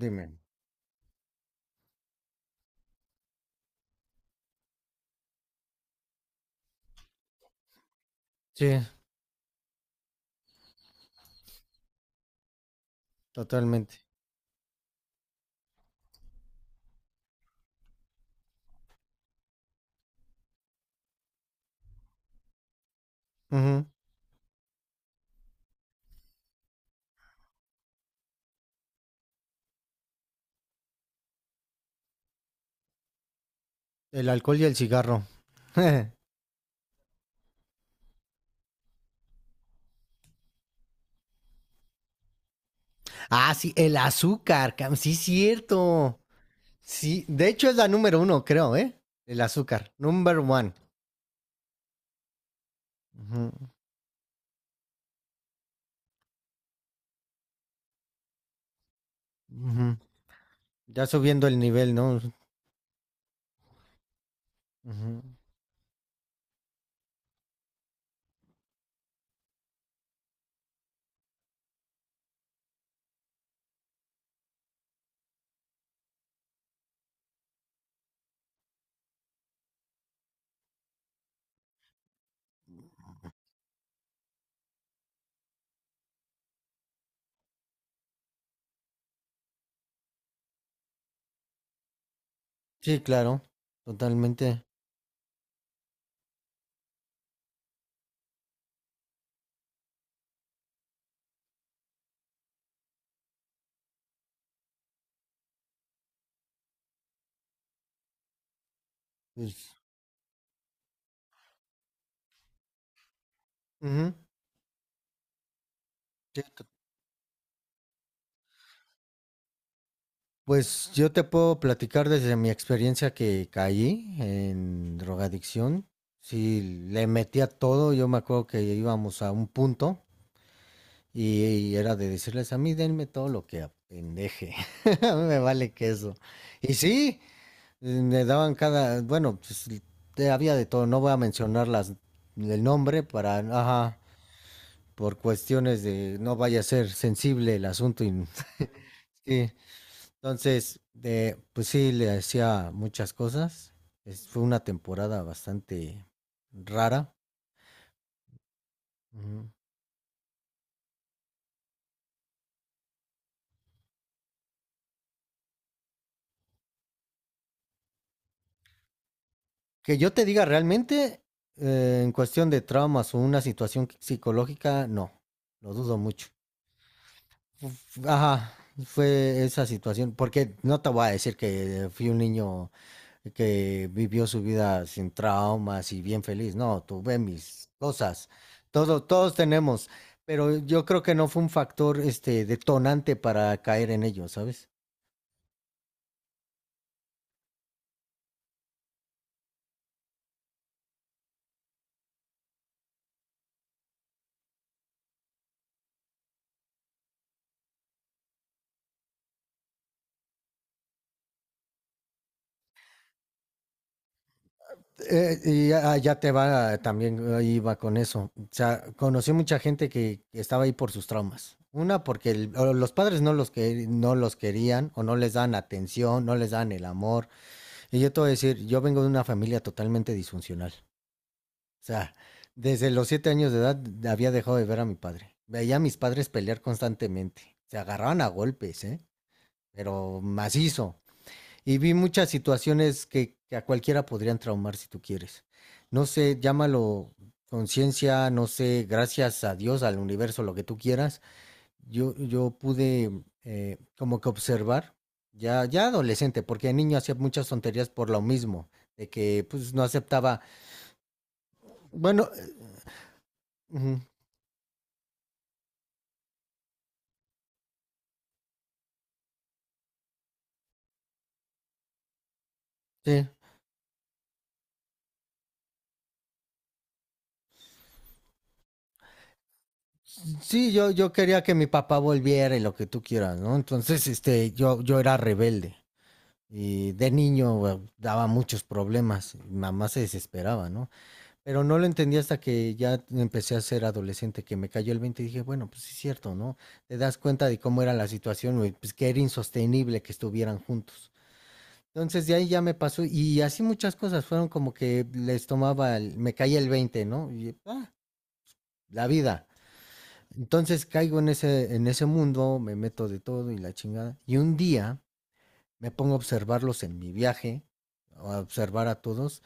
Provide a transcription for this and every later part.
Dime. Sí, totalmente. Ujú. El alcohol y el cigarro. Ah, sí, el azúcar. Sí, cierto. Sí, de hecho es la número uno, creo, ¿eh? El azúcar. Number one. Ujú, ujú. Ya subiendo el nivel, ¿no? Ujú. Sí, claro. Totalmente. Pues, ujú, sí, pues yo te puedo platicar desde mi experiencia que caí en drogadicción. Sí, le metía todo. Yo me acuerdo que íbamos a un punto y, era de decirles a mí, denme todo lo que apendeje. Me vale queso. Y sí, me daban cada, bueno, pues, había de todo. No voy a mencionar las, el nombre para, ajá, por cuestiones de no vaya a ser sensible el asunto. Y, entonces, de, pues sí, le hacía muchas cosas. Fue una temporada bastante rara. Ujú. Que yo te diga realmente, en cuestión de traumas o una situación psicológica, no, lo dudo mucho. Ajá, fue esa situación, porque no te voy a decir que fui un niño que vivió su vida sin traumas y bien feliz. No, tuve mis cosas. Todo, todos tenemos, pero yo creo que no fue un factor este, detonante para caer en ello, ¿sabes? Y ya, ya te va, también iba con eso. O sea, conocí mucha gente que estaba ahí por sus traumas. Una, porque o los padres no los querían o no les dan atención, no les dan el amor. Y yo te voy a decir, yo vengo de una familia totalmente disfuncional. O sea, desde los 7 años de edad había dejado de ver a mi padre. Veía a mis padres pelear constantemente. Se agarraban a golpes, ¿eh? Pero macizo. Y vi muchas situaciones que, a cualquiera podrían traumar si tú quieres. No sé, llámalo conciencia, no sé, gracias a Dios, al universo, lo que tú quieras. yo pude como que observar, ya, ya adolescente, porque de niño hacía muchas tonterías por lo mismo, de que pues no aceptaba. Bueno, ujú, sí, sí, yo quería que mi papá volviera y lo que tú quieras, ¿no? Entonces, este, yo era rebelde. Y de niño bueno, daba muchos problemas. Mi mamá se desesperaba, ¿no? Pero no lo entendí hasta que ya empecé a ser adolescente, que me cayó el 20, y dije, bueno, pues sí es cierto, ¿no? Te das cuenta de cómo era la situación, y, pues que era insostenible que estuvieran juntos. Entonces de ahí ya me pasó y así muchas cosas fueron como que les tomaba, me caía el 20, ¿no? Y, ah, la vida. Entonces caigo en ese, mundo, me meto de todo y la chingada. Y un día me pongo a observarlos en mi viaje, a observar a todos,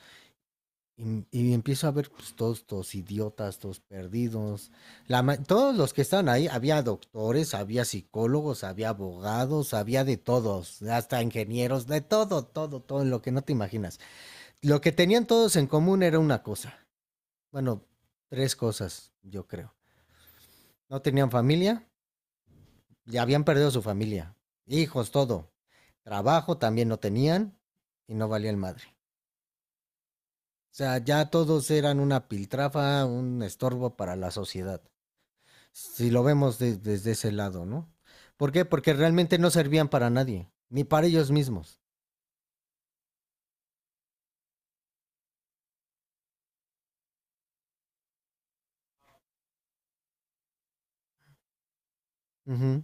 y empiezo a ver pues, todos, todos idiotas, todos perdidos. Todos los que estaban ahí, había doctores, había psicólogos, había abogados, había de todos, hasta ingenieros, de todo, todo, todo, en lo que no te imaginas. Lo que tenían todos en común era una cosa. Bueno, tres cosas, yo creo. No tenían familia, ya habían perdido su familia, hijos, todo. Trabajo también no tenían y no valía el madre. O sea, ya todos eran una piltrafa, un estorbo para la sociedad. Si lo vemos desde ese lado, ¿no? ¿Por qué? Porque realmente no servían para nadie, ni para ellos mismos. Ujú,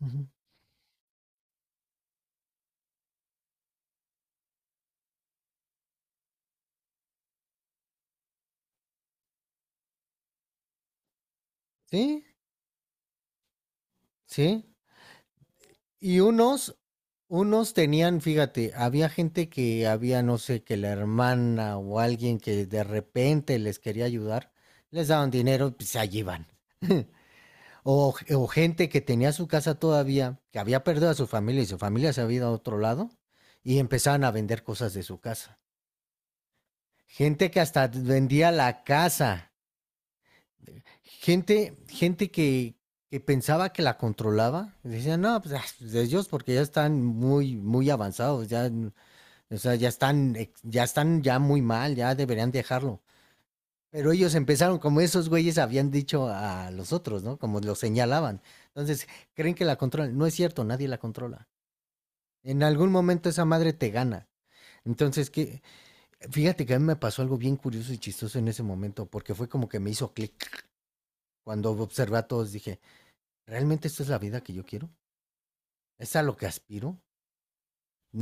ujú. Sí, sí. Y unos, tenían, fíjate, había gente que había, no sé, que la hermana o alguien que de repente les quería ayudar, les daban dinero y pues, se allí iban. O, o gente que tenía su casa todavía, que había perdido a su familia y su familia se había ido a otro lado y empezaban a vender cosas de su casa. Gente que hasta vendía la casa. Gente, gente que pensaba que la controlaba. Decían, no, pues ah, de ellos porque ya están muy, muy avanzados, ya. O sea, ya están ya muy mal, ya deberían dejarlo. Pero ellos empezaron, como esos güeyes habían dicho a los otros, ¿no? Como los señalaban. Entonces, creen que la controlan. No es cierto, nadie la controla. En algún momento esa madre te gana. Entonces, qué, fíjate que a mí me pasó algo bien curioso y chistoso en ese momento, porque fue como que me hizo clic. Cuando observé a todos, dije, ¿realmente esta es la vida que yo quiero? ¿Es a lo que aspiro?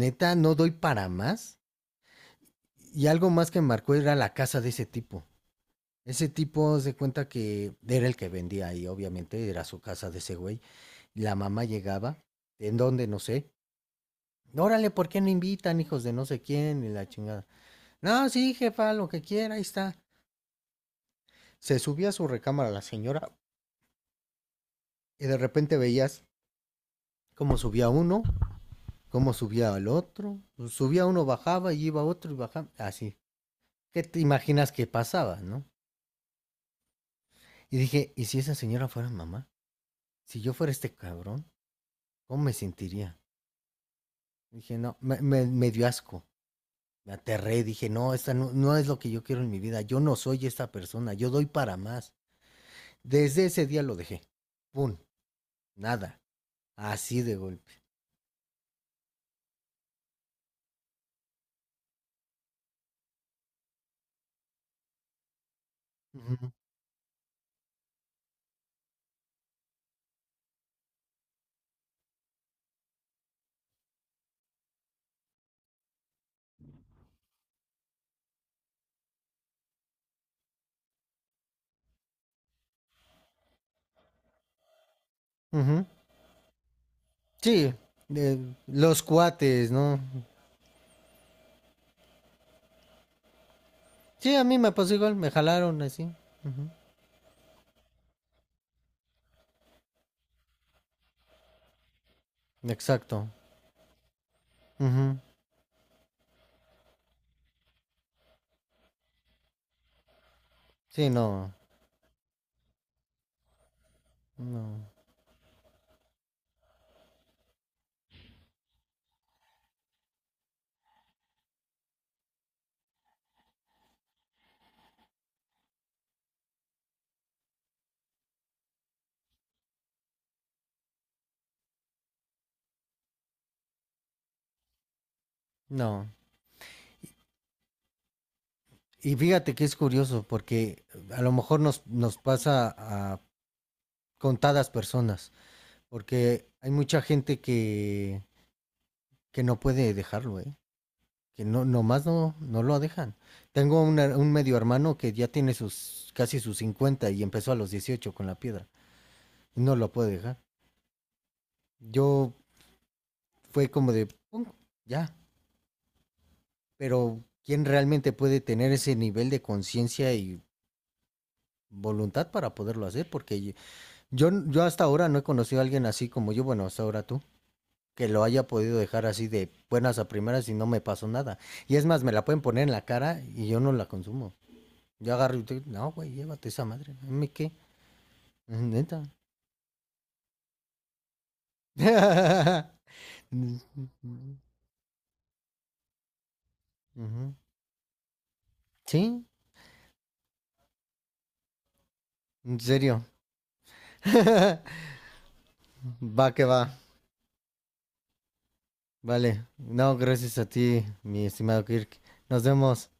Neta, no doy para más. Y algo más que me marcó era la casa de ese tipo. Ese tipo se cuenta que era el que vendía ahí, obviamente, era su casa de ese güey. Y la mamá llegaba, ¿en dónde? No sé. Órale, ¿por qué no invitan, hijos de no sé quién? Y la chingada. No, sí, jefa, lo que quiera, ahí está. Se subía a su recámara la señora y de repente veías cómo subía uno, cómo subía el otro. Pues, subía uno, bajaba y iba otro y bajaba. Así. ¿Qué te imaginas que pasaba, no? Y dije, ¿y si esa señora fuera mamá? Si yo fuera este cabrón, ¿cómo me sentiría? Dije, no, me, me dio asco. Me aterré, dije, no, esta no, no es lo que yo quiero en mi vida. Yo no soy esta persona, yo doy para más. Desde ese día lo dejé. Pum, nada. Así de golpe. Ujú, ujú. Sí, los cuates, ¿no? Sí, a mí me pasó igual, me jalaron así. Ujú, exacto. Ujú. Sí, no, no, no. Y fíjate que es curioso porque a lo mejor nos, nos pasa a contadas personas. Porque hay mucha gente que, no puede dejarlo, ¿eh? Que no, nomás no, no lo dejan. Tengo un medio hermano que ya tiene sus casi sus 50 y empezó a los 18 con la piedra y no lo puede dejar. Yo fue como de, "Pum, ya, pero ¿quién realmente puede tener ese nivel de conciencia y voluntad para poderlo hacer?" Porque yo hasta ahora no he conocido a alguien así como yo, bueno, hasta ahora tú, que lo haya podido dejar así de buenas a primeras y no me pasó nada. Y es más, me la pueden poner en la cara y yo no la consumo. Yo agarro y digo, no, güey, llévate esa madre. ¿A qué? Neta. ¿Sí? En serio. Va que va. Vale. No, gracias a ti, mi estimado Kirk. Nos vemos.